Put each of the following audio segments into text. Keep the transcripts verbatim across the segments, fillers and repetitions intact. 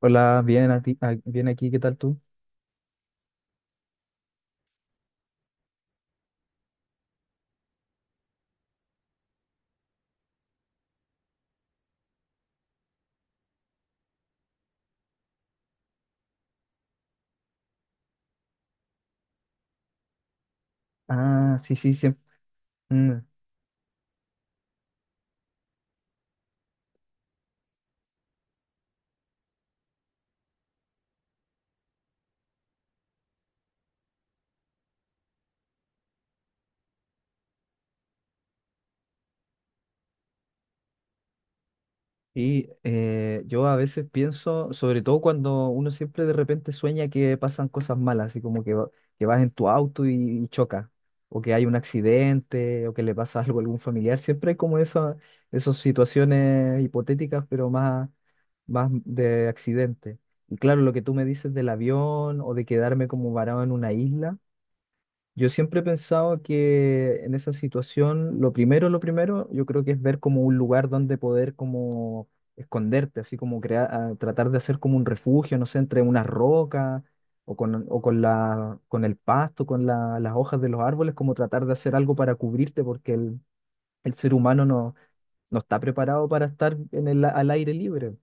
Hola, bien, a ti- a- bien aquí, ¿qué tal tú? Ah, sí, sí, siempre. Y eh, yo a veces pienso, sobre todo cuando uno siempre de repente sueña que pasan cosas malas, así como que, va- que vas en tu auto y, y choca, o que hay un accidente, o que le pasa algo a algún familiar, siempre hay como esa, esas situaciones hipotéticas, pero más, más de accidente. Y claro, lo que tú me dices del avión o de quedarme como varado en una isla. Yo siempre he pensado que en esa situación, lo primero, lo primero, yo creo que es ver como un lugar donde poder como esconderte, así como crear, a- tratar de hacer como un refugio, no sé, entre unas rocas o con, o con la, con el pasto, con la- las hojas de los árboles, como tratar de hacer algo para cubrirte, porque el, el ser humano no, no está preparado para estar en el, al aire libre.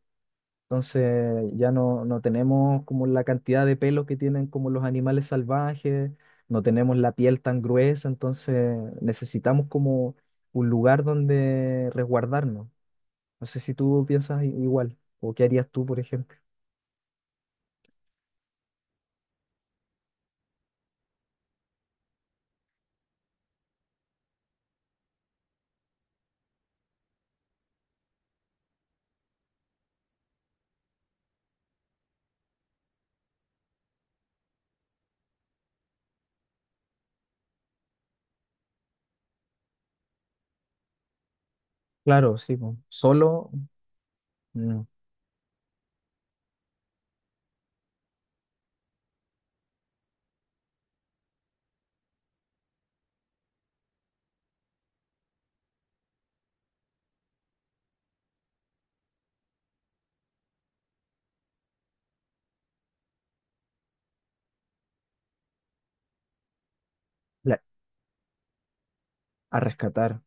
Entonces ya no, no tenemos como la cantidad de pelos que tienen como los animales salvajes, no tenemos la piel tan gruesa, entonces necesitamos como un lugar donde resguardarnos. No sé si tú piensas i- igual, o qué harías tú, por ejemplo. Claro, sí, po. Solo mm, la- a rescatar.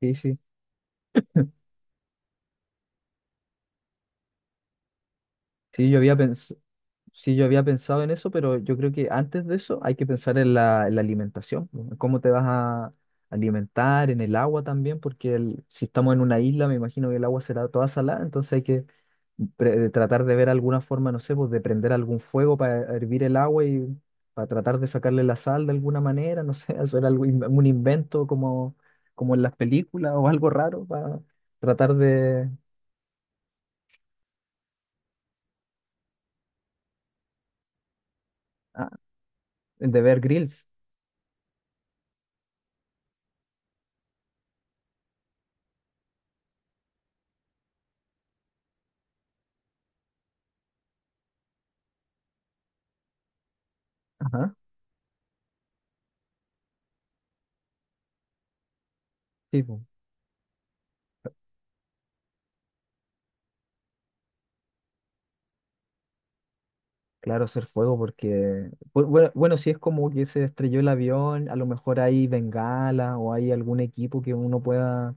Sí, sí. Sí, yo había pensado. Sí, yo había pensado en eso, pero yo creo que antes de eso hay que pensar en la, en la alimentación, ¿no? En cómo te vas a alimentar, en el agua también, porque el- si estamos en una isla, me imagino que el agua será toda salada, entonces hay que pre- tratar de ver alguna forma, no sé, pues de prender algún fuego para hervir el agua y para tratar de sacarle la sal de alguna manera, no sé, hacer algo, in- un invento como, como en las películas o algo raro para tratar de, ah, de ver grills. Ajá, sí, pues. Claro, hacer fuego porque, bu- bueno, bueno, si es como que se estrelló el avión, a lo mejor hay bengala o hay algún equipo que uno pueda,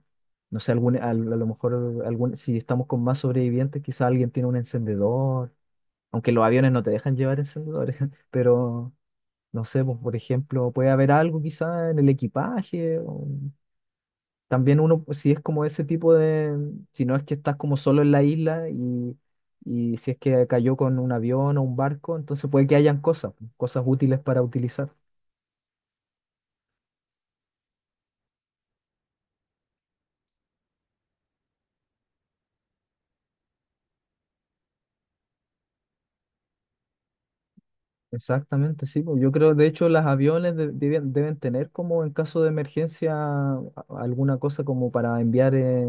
no sé, algún, al- a, lo mejor algún, si estamos con más sobrevivientes, quizá alguien tiene un encendedor, aunque los aviones no te dejan llevar encendedores, pero no sé, pues, por ejemplo, puede haber algo quizá en el equipaje, también uno, pues, si es como ese tipo de, si no es que estás como solo en la isla y, y si es que cayó con un avión o un barco, entonces puede que hayan cosas, pues, cosas útiles para utilizar. Exactamente, sí, pues. Yo creo, de hecho, los aviones de- deben, deben tener como en caso de emergencia a- alguna cosa como para enviar, eh,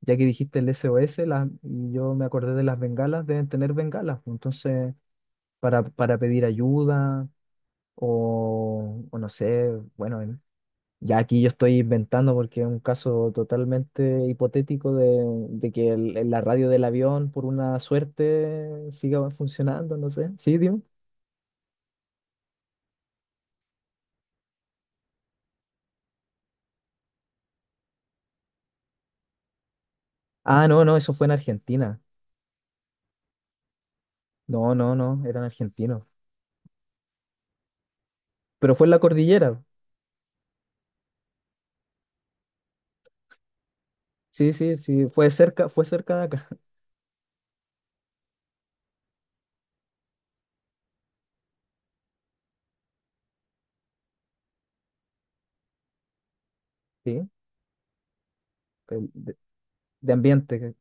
ya que dijiste el S O S, las- y yo me acordé de las bengalas, deben tener bengalas, pues. Entonces, para, para pedir ayuda o, o no sé, bueno, ya aquí yo estoy inventando porque es un caso totalmente hipotético de, de que el- la radio del avión, por una suerte, siga funcionando, no sé. ¿Sí, dime? Ah, no, no, eso fue en Argentina. No, no, no, eran argentinos. Pero fue en la cordillera. Sí, sí, sí, fue cerca, fue cerca de acá. Sí, el- de, de ambiente.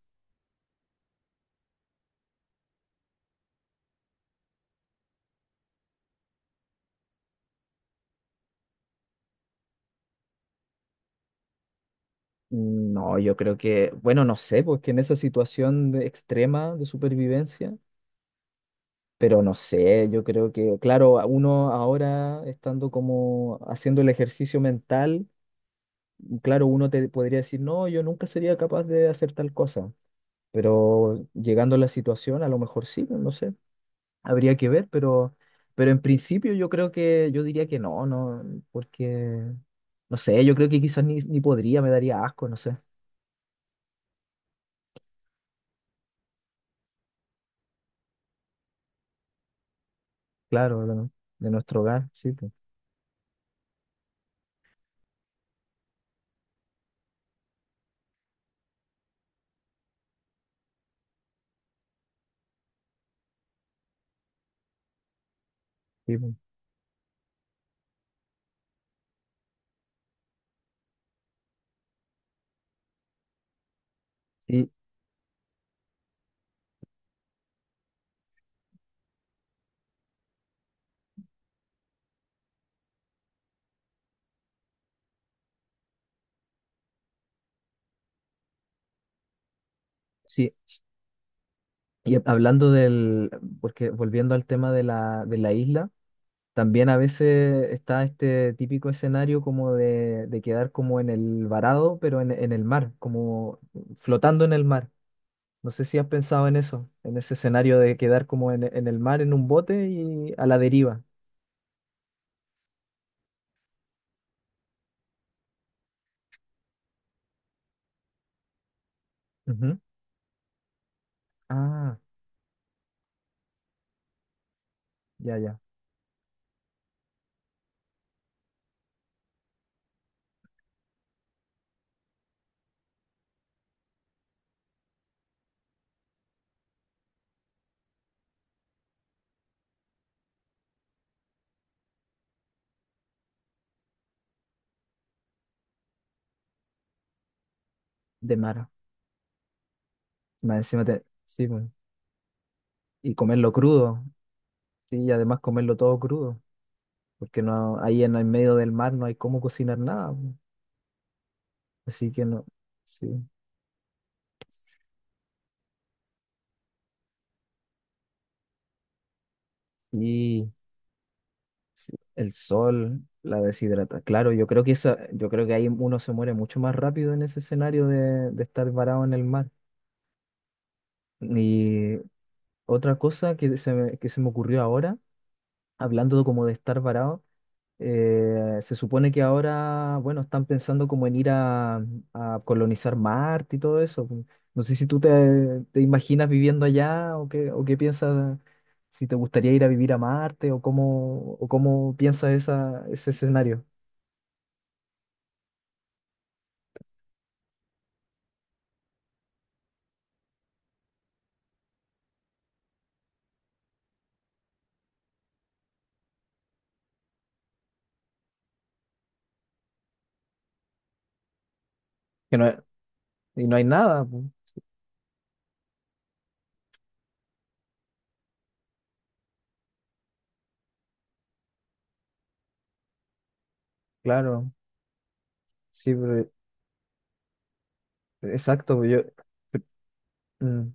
No, yo creo que, bueno, no sé, porque en esa situación de extrema de supervivencia. Pero no sé, yo creo que, claro, a uno ahora estando como haciendo el ejercicio mental, claro, uno te podría decir, no, yo nunca sería capaz de hacer tal cosa, pero llegando a la situación, a lo mejor sí, pues, no sé, habría que ver, pero, pero en principio yo creo que, yo diría que no, no, porque, no sé, yo creo que quizás ni, ni podría, me daría asco, no sé, claro, de, de nuestro hogar, sí, pues, sí, pues. Y- sí, y hablando del, porque volviendo al tema de la, de la isla, también a veces está este típico escenario como de, de quedar como en el varado, pero en, en el mar, como flotando en el mar. No sé si has pensado en eso, en ese escenario de quedar como en, en el mar, en un bote y a la deriva. Ujú. Ah, ya, ya, de mar. Más encima te- sí, bueno. Y comerlo crudo, sí, y además comerlo todo crudo, porque no, ahí en el medio del mar no hay cómo cocinar nada, pues. Así que no, sí. Y sí, el sol la deshidrata. Claro, yo creo que esa, yo creo que ahí uno se muere mucho más rápido en ese escenario de, de estar varado en el mar. Y otra cosa que se me, que se me ocurrió ahora, hablando como de estar varado, Eh, se supone que ahora, bueno, están pensando como en ir a, a colonizar Marte y todo eso. No sé si tú te, te imaginas viviendo allá o qué, o qué piensas, si te gustaría ir a vivir a Marte o cómo, o cómo piensas esa, ese escenario. Que no, hay- y no hay nada, pu, claro. Sí, pero- exacto. Yo, mm,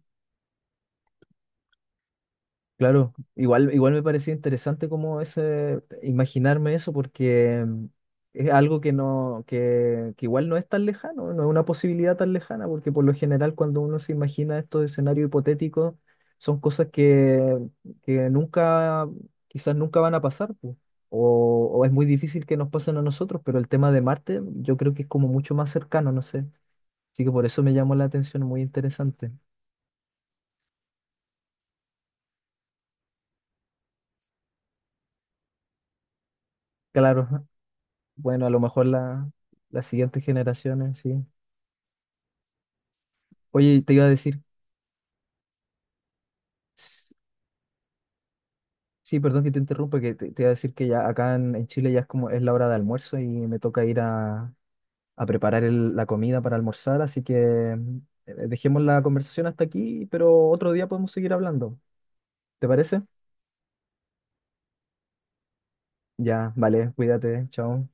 claro, igual, igual me parecía interesante como ese, imaginarme eso porque mm, es algo que no, que, que igual no es tan lejano, no es una posibilidad tan lejana, porque por lo general cuando uno se imagina estos escenarios hipotéticos son cosas que, que nunca, quizás nunca van a pasar, pues, O, o es muy difícil que nos pasen a nosotros, pero el tema de Marte yo creo que es como mucho más cercano, no sé. Así que por eso me llamó la atención, muy interesante. Claro. Bueno, a lo mejor la, las siguientes generaciones, sí. Oye, te iba a decir, sí, perdón que te interrumpa, que te, te iba a decir que ya acá en, en Chile ya es como es la hora de almuerzo y me toca ir a, a preparar el- la comida para almorzar, así que mm, eh, dejemos la conversación hasta aquí, pero otro día podemos seguir hablando. ¿Te parece? Ya, vale, cuídate, chao.